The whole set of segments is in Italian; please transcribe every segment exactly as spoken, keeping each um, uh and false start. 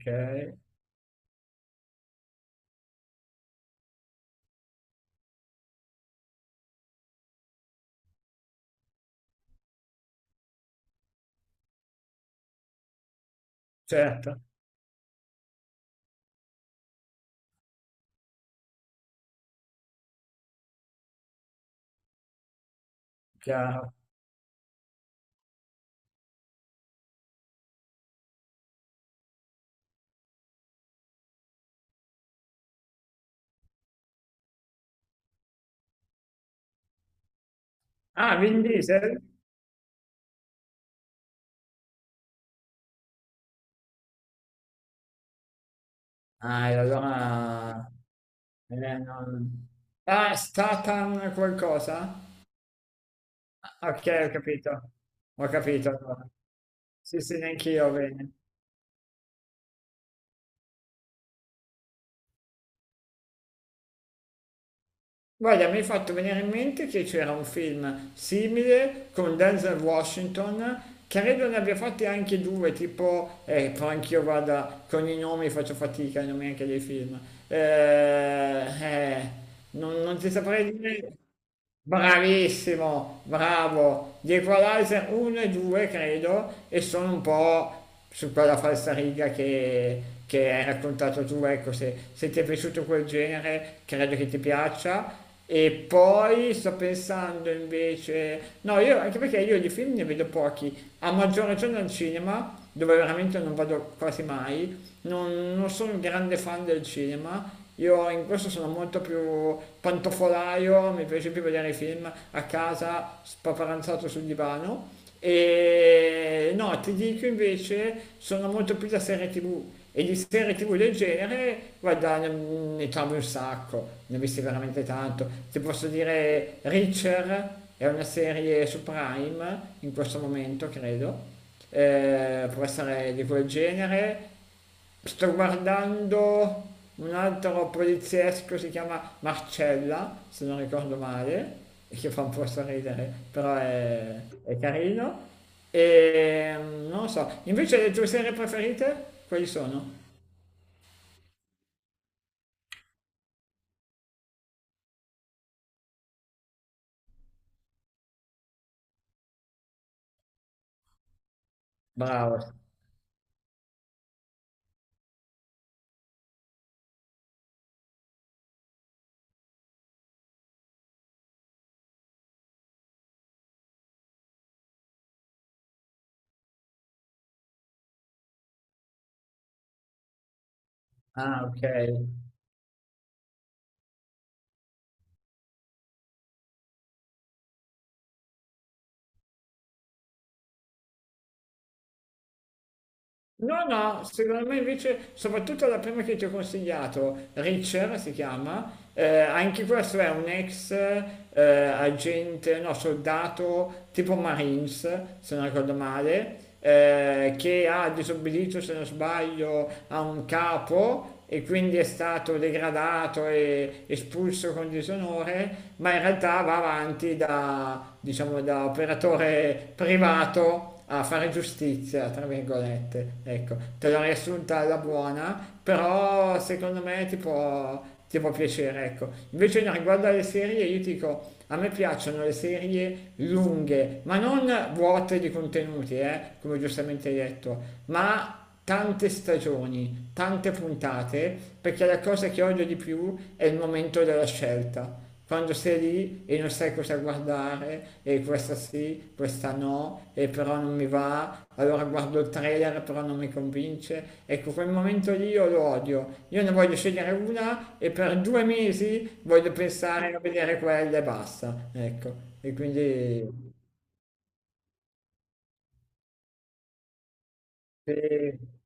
Okay, certo, chiaro. Ah, Vin Diesel? Ah, e allora eh, non ah, Statham qualcosa? Okay, ho capito. Ho capito allora. Sì, sì, neanch'io, bene. Guarda, mi hai fatto venire in mente che c'era un film simile con Denzel Washington, credo ne abbia fatti anche due, tipo, eh, però anch'io vada con i nomi faccio fatica, i nomi anche dei film. Eh, eh, non, non ti saprei dire... Bravissimo, bravo. Gli Equalizer uno e due, credo, e sono un po' su quella falsariga che, che hai raccontato tu. Ecco, se, se ti è piaciuto quel genere, credo che ti piaccia. E poi sto pensando invece... No, io, anche perché io di film ne vedo pochi, a maggior ragione al cinema, dove veramente non vado quasi mai. Non, non sono un grande fan del cinema, io in questo sono molto più pantofolaio, mi piace più vedere i film a casa spaparanzato sul divano. E no, ti dico invece, sono molto più da serie tivù. E di serie tivù del genere, guarda, ne, ne trovi un sacco, ne ho visti veramente tanto. Ti posso dire, Reacher è una serie su Prime in questo momento, credo. Eh, può essere di quel genere. Sto guardando un altro poliziesco, si chiama Marcella, se non ricordo male, e che fa un po' sorridere, però è, è carino. E mm, non lo so, invece le tue serie preferite, quali sono? Bravo. Ah, ok. No, no, secondo me invece, soprattutto la prima che ti ho consigliato, Richard si chiama, eh, anche questo è un ex eh, agente, no, soldato tipo Marines, se non ricordo male, eh, che ha disobbedito, se non sbaglio, a un capo e quindi è stato degradato e espulso con disonore, ma in realtà va avanti da, diciamo, da operatore privato a fare giustizia, tra virgolette. Ecco, te l'ho riassunta alla buona, però secondo me ti può, ti può piacere, ecco. Invece no, riguardo alle serie, io ti dico, a me piacciono le serie lunghe, ma non vuote di contenuti, eh, come giustamente hai detto, ma tante stagioni, tante puntate, perché la cosa che odio di più è il momento della scelta. Quando sei lì e non sai cosa guardare, e questa sì, questa no, e però non mi va, allora guardo il trailer però non mi convince. Ecco, quel momento lì io lo odio. Io ne voglio scegliere una e per due mesi voglio pensare a vedere quella e basta. Ecco, e quindi... Sì,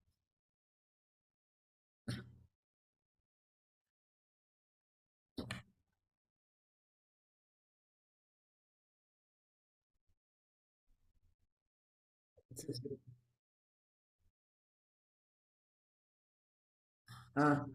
sì, sì. Ah,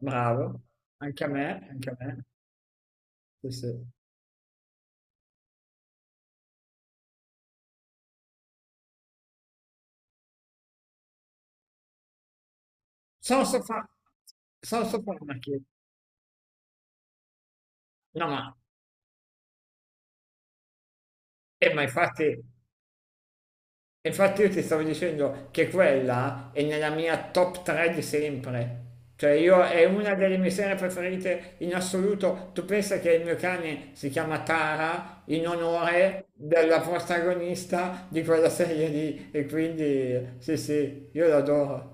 bravo, anche a me, anche a me. Sì, sì. Sono soffa- Sono soffermato. No, ma, eh, ma infatti, infatti io ti stavo dicendo che quella è nella mia top tre di sempre. Cioè, io è una delle mie serie preferite in assoluto. Tu pensa che il mio cane si chiama Tara in onore della protagonista di quella serie lì e quindi sì sì, io l'adoro.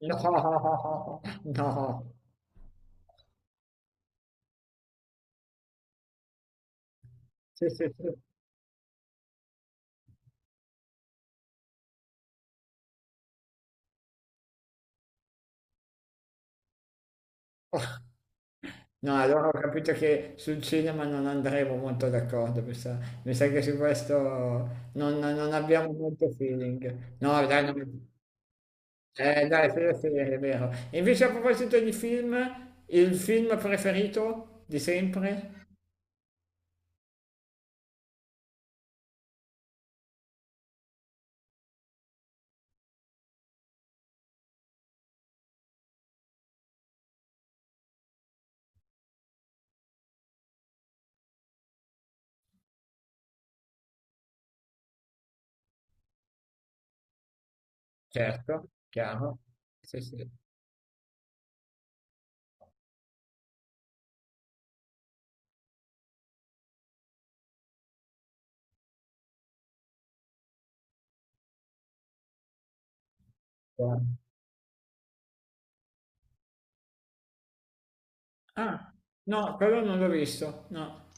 No, no, sì sì sì. No, allora ho capito che sul cinema non andremo molto d'accordo, mi sa, mi sa che su questo non, non abbiamo molto feeling. No, dai, non- eh, dai, sulla serie, è vero. E invece a proposito di film, il film preferito di sempre? Certo, chiaro. Sì, sì, chiaro. Ah, no, quello non l'ho visto, no.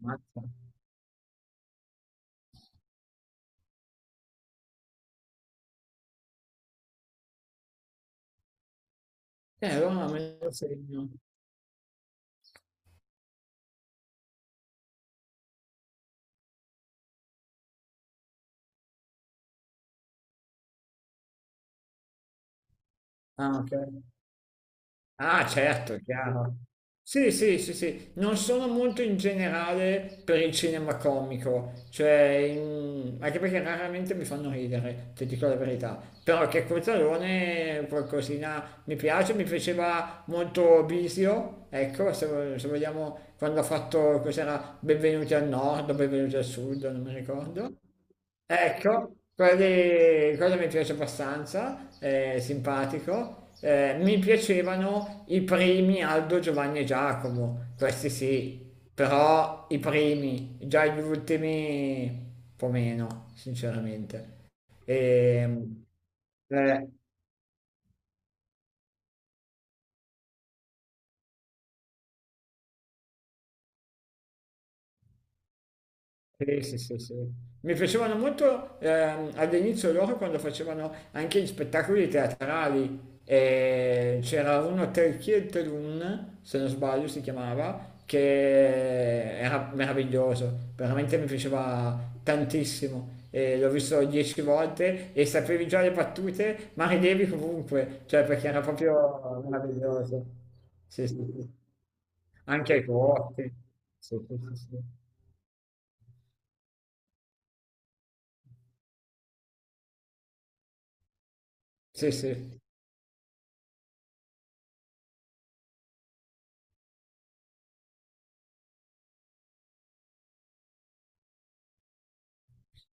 Mazza. Eh, allora me lo segno. Ah, ok. Ah, certo, è chiaro. Sì, sì, sì, sì. Non sono molto in generale per il cinema comico, cioè, in- anche perché raramente mi fanno ridere, ti dico la verità. Però che Cozzalone qualcosina mi piace, mi piaceva molto Bisio, ecco, se, se vogliamo, quando ha fatto, cos'era, Benvenuti al Nord, Benvenuti al Sud, non mi ricordo. Ecco, quelli, quello mi piace abbastanza, è simpatico. Eh, mi piacevano i primi Aldo, Giovanni e Giacomo, questi sì, però i primi, già gli ultimi un po' meno, sinceramente. E, eh, Sì, sì, sì, sì. Mi piacevano molto ehm, all'inizio loro quando facevano anche gli spettacoli teatrali. Eh, c'era uno Telchiel Telun, se non sbaglio si chiamava, che era meraviglioso, veramente mi piaceva tantissimo. Eh, l'ho visto dieci volte e sapevi già le battute, ma ridevi comunque, cioè perché era proprio meraviglioso. Sì, sì, sì. Anche ai corti. Sì, sì, sì. Sì, sì. Sì, sì.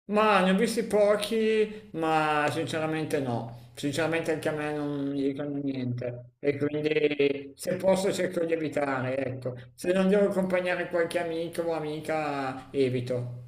Ma ne ho visti pochi, ma sinceramente no. Sinceramente anche a me non mi dicono niente. E quindi se posso cerco di evitare, ecco. Se non devo accompagnare qualche amico o amica, evito.